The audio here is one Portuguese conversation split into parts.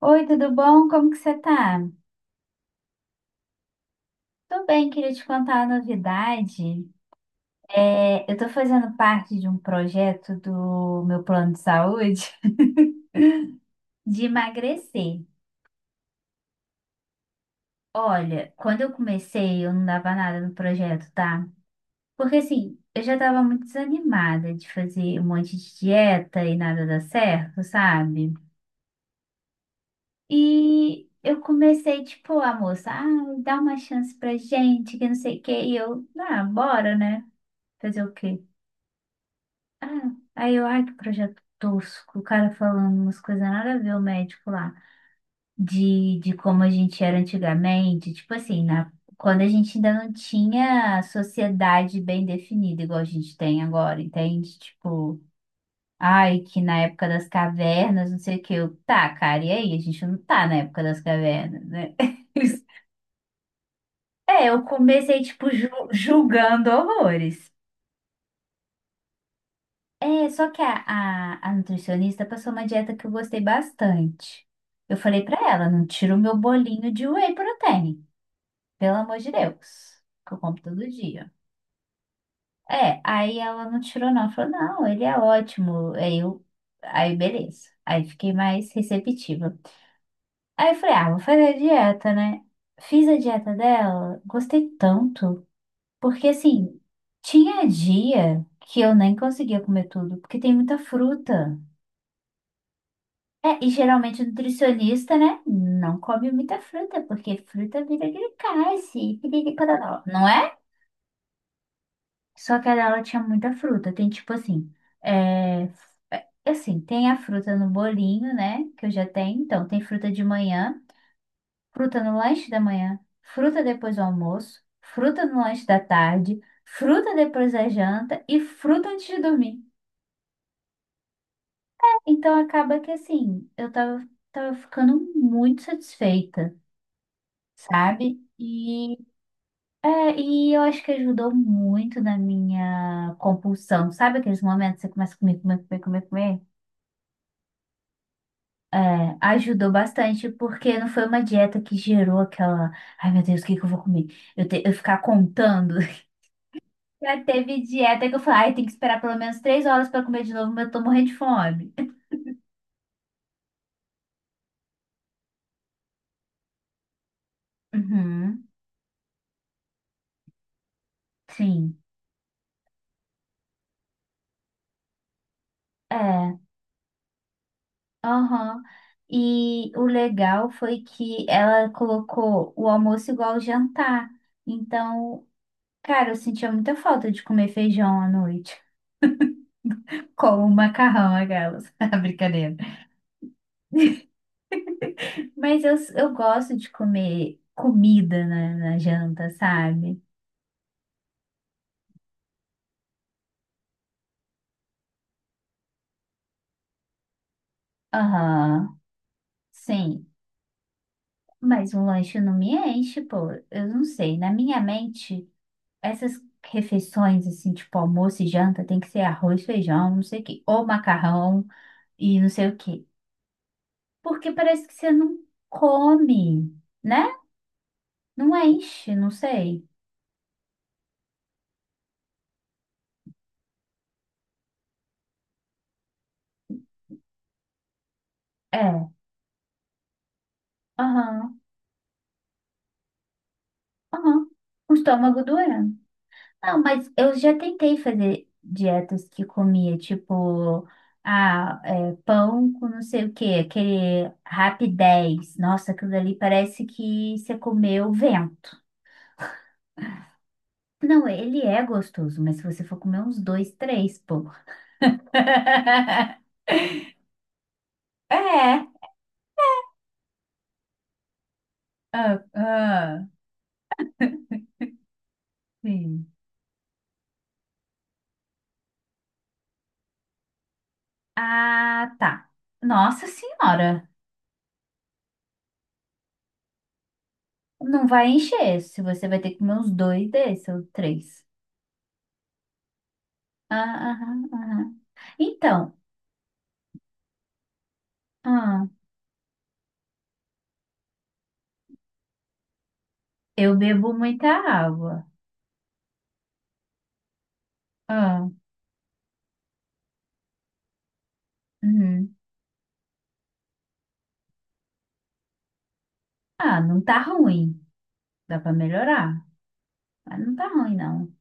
Oi, tudo bom? Como que você tá? Tô bem, queria te contar uma novidade. É, eu tô fazendo parte de um projeto do meu plano de saúde de emagrecer. Olha, quando eu comecei, eu não dava nada no projeto, tá? Porque assim, eu já tava muito desanimada de fazer um monte de dieta e nada dar certo, sabe? E eu comecei, tipo, a moça, ah, dá uma chance pra gente, que não sei o quê. E eu, ah, bora, né? Fazer o quê? Ah, aí eu, ai, que projeto tosco. O cara falando umas coisas nada a ver, o médico lá, de como a gente era antigamente. Tipo assim, na, quando a gente ainda não tinha sociedade bem definida, igual a gente tem agora, entende? Tipo, ai, que na época das cavernas, não sei o quê. Eu, tá, cara, e aí? A gente não tá na época das cavernas, né? É, eu comecei, tipo, julgando horrores. É, só que a nutricionista passou uma dieta que eu gostei bastante. Eu falei pra ela, não tira o meu bolinho de whey protein, pelo amor de Deus, que eu como todo dia. É, aí ela não tirou não, ela falou, não, ele é ótimo. Aí eu, aí beleza. Aí fiquei mais receptiva. Aí eu falei, ah, vou fazer a dieta, né? Fiz a dieta dela, gostei tanto, porque assim, tinha dia que eu nem conseguia comer tudo, porque tem muita fruta. É, e geralmente o nutricionista, né, não come muita fruta, porque fruta vira glicase, e piricororó, não é? Só que ela tinha muita fruta, tem tipo assim, é, f- é, assim, tem a fruta no bolinho, né, que eu já tenho, então tem fruta de manhã, fruta no lanche da manhã, fruta depois do almoço, fruta no lanche da tarde, fruta depois da janta e fruta antes de dormir. Então acaba que assim, eu tava, tava ficando muito satisfeita, sabe? E, é, e eu acho que ajudou muito na minha compulsão, sabe aqueles momentos que você começa a comer, comer, comer, comer, comer? É, ajudou bastante, porque não foi uma dieta que gerou aquela, ai meu Deus, o que que eu vou comer? Eu, eu ficar contando. Já teve dieta que eu falei, ai, tem que esperar pelo menos 3 horas para comer de novo, mas eu tô morrendo de fome. Uhum, sim. É. Aham. E o legal foi que ela colocou o almoço igual ao jantar. Então, cara, eu sentia muita falta de comer feijão à noite. Com macarrão, aquelas. Brincadeira. Mas eu gosto de comer comida na janta, sabe? Aham. Sim. Mas um lanche não me enche, pô. Eu não sei. Na minha mente, essas refeições, assim, tipo almoço e janta, tem que ser arroz, feijão, não sei o quê. Ou macarrão. E não sei o quê. Porque parece que você não come, né? Não enche, não sei. É, aham, aham. O estômago doendo. Não, mas eu já tentei fazer dietas que comia, tipo, ah, é, pão com não sei o quê, aquele Rapidez. Nossa, aquilo ali parece que você comeu vento. Não, ele é gostoso, mas se você for comer uns dois, três, pô. É. Ah, ah, sim. Ah, tá. Nossa senhora, não vai encher. Se você vai ter que comer uns dois desses, ou três. Ah, aham, aham. Então, ah, eu bebo muita água. Ah, uhum. Ah, não tá ruim. Dá pra melhorar, mas não tá ruim, não.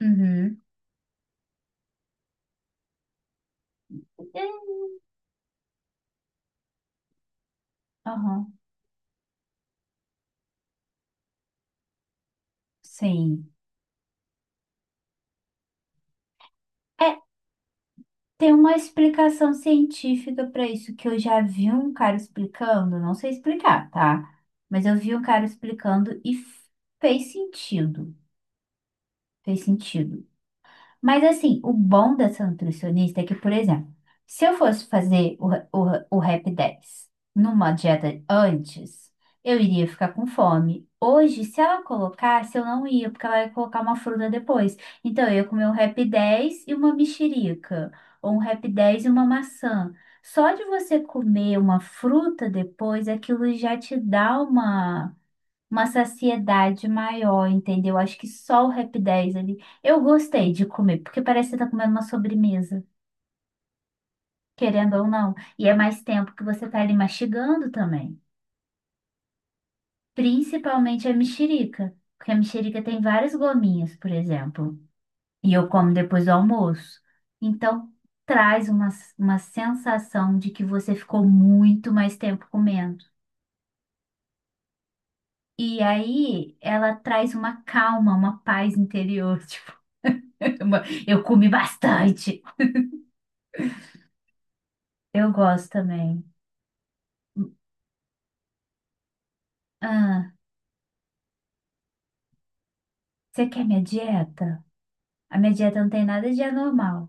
Uhum. É, aham, sim. É, tem uma explicação científica para isso que eu já vi um cara explicando, não sei explicar, tá? Mas eu vi um cara explicando e fez sentido. Fez sentido. Mas assim, o bom dessa nutricionista é que, por exemplo, se eu fosse fazer o Rap 10 numa dieta antes, eu iria ficar com fome. Hoje, se ela colocasse, eu não ia, porque ela ia colocar uma fruta depois. Então, eu ia comer um Rap 10 e uma mexerica, ou um Rap 10 e uma maçã. Só de você comer uma fruta depois, aquilo já te dá uma saciedade maior, entendeu? Acho que só o Rap 10 ali. Eu gostei de comer, porque parece que você tá comendo uma sobremesa, querendo ou não. E é mais tempo que você tá ali mastigando também. Principalmente a mexerica, porque a mexerica tem várias gominhas, por exemplo. E eu como depois do almoço. Então, traz uma sensação de que você ficou muito mais tempo comendo. E aí, ela traz uma calma, uma paz interior. Eu comi bastante. Eu gosto também. Ah, você quer minha dieta? A minha dieta não tem nada de anormal.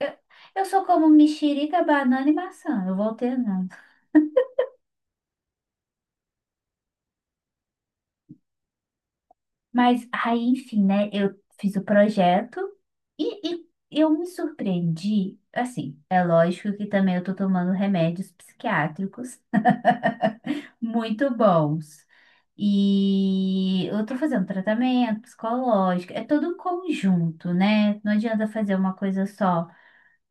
Eu, eu só como mexerica, banana e maçã. Eu vou alternando. Mas aí, enfim, né? Eu fiz o projeto e eu me surpreendi. Assim, é lógico que também eu tô tomando remédios psiquiátricos muito bons. E eu tô fazendo tratamento psicológico, é todo um conjunto, né? Não adianta fazer uma coisa só.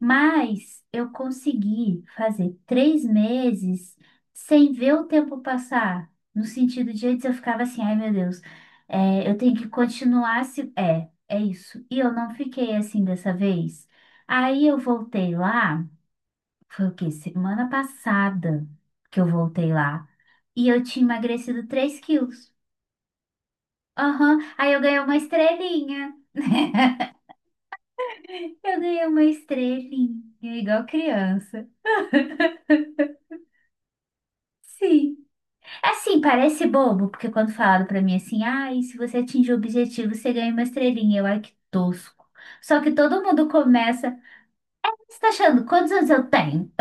Mas eu consegui fazer 3 meses sem ver o tempo passar. No sentido de antes eu ficava assim, ai meu Deus, é, eu tenho que continuar se. É, é isso. E eu não fiquei assim dessa vez. Aí eu voltei lá, foi o quê? Semana passada que eu voltei lá. E eu tinha emagrecido 3 quilos. Aham, aí eu ganhei uma estrelinha. Eu ganhei uma estrelinha, igual criança. Sim. Assim, parece bobo, porque quando falaram pra mim assim, ah, e se você atingir o objetivo, você ganha uma estrelinha. Eu, ai, que tosco. Só que todo mundo começa. Você tá achando quantos anos eu tenho?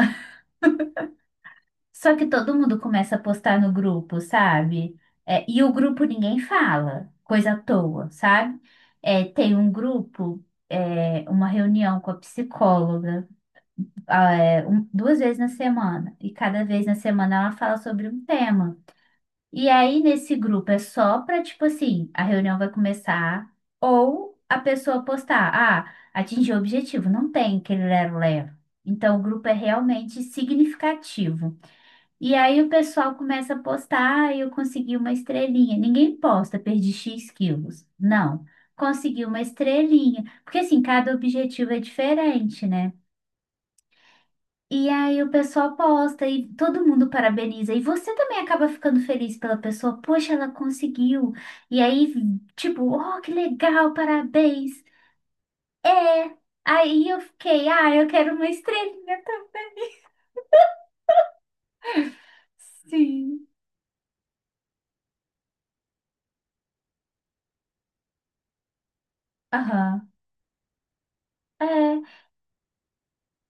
Só que todo mundo começa a postar no grupo, sabe? É, e o grupo ninguém fala, coisa à toa, sabe? É, tem um grupo, é, uma reunião com a psicóloga. Ah, é, duas vezes na semana. E cada vez na semana ela fala sobre um tema. E aí, nesse grupo, é só para, tipo assim, a reunião vai começar, ou a pessoa postar, ah, atingiu o objetivo, não tem aquele lero-lero. Então, o grupo é realmente significativo. E aí, o pessoal começa a postar, ah, eu consegui uma estrelinha. Ninguém posta, perdi X quilos. Não, consegui uma estrelinha. Porque, assim, cada objetivo é diferente, né? E aí o pessoal posta e todo mundo parabeniza. E você também acaba ficando feliz pela pessoa. Poxa, ela conseguiu. E aí, tipo, oh, que legal, parabéns. É. Aí eu fiquei, ah, eu quero uma estrelinha também. Sim. Aham. É.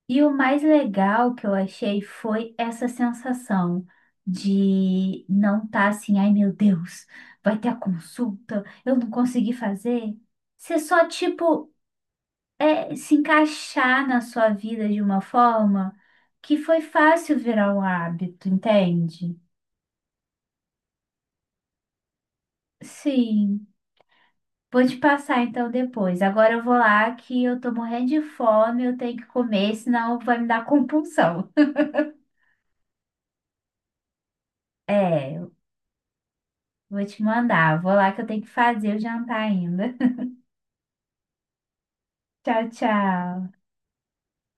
E o mais legal que eu achei foi essa sensação de não estar assim, ai meu Deus, vai ter a consulta, eu não consegui fazer. Você só, tipo, é, se encaixar na sua vida de uma forma que foi fácil virar um hábito, entende? Sim, vou te passar então depois. Agora eu vou lá que eu tô morrendo de fome, eu tenho que comer, senão vai me dar compulsão. É, eu vou te mandar. Vou lá que eu tenho que fazer o jantar ainda. Tchau, tchau.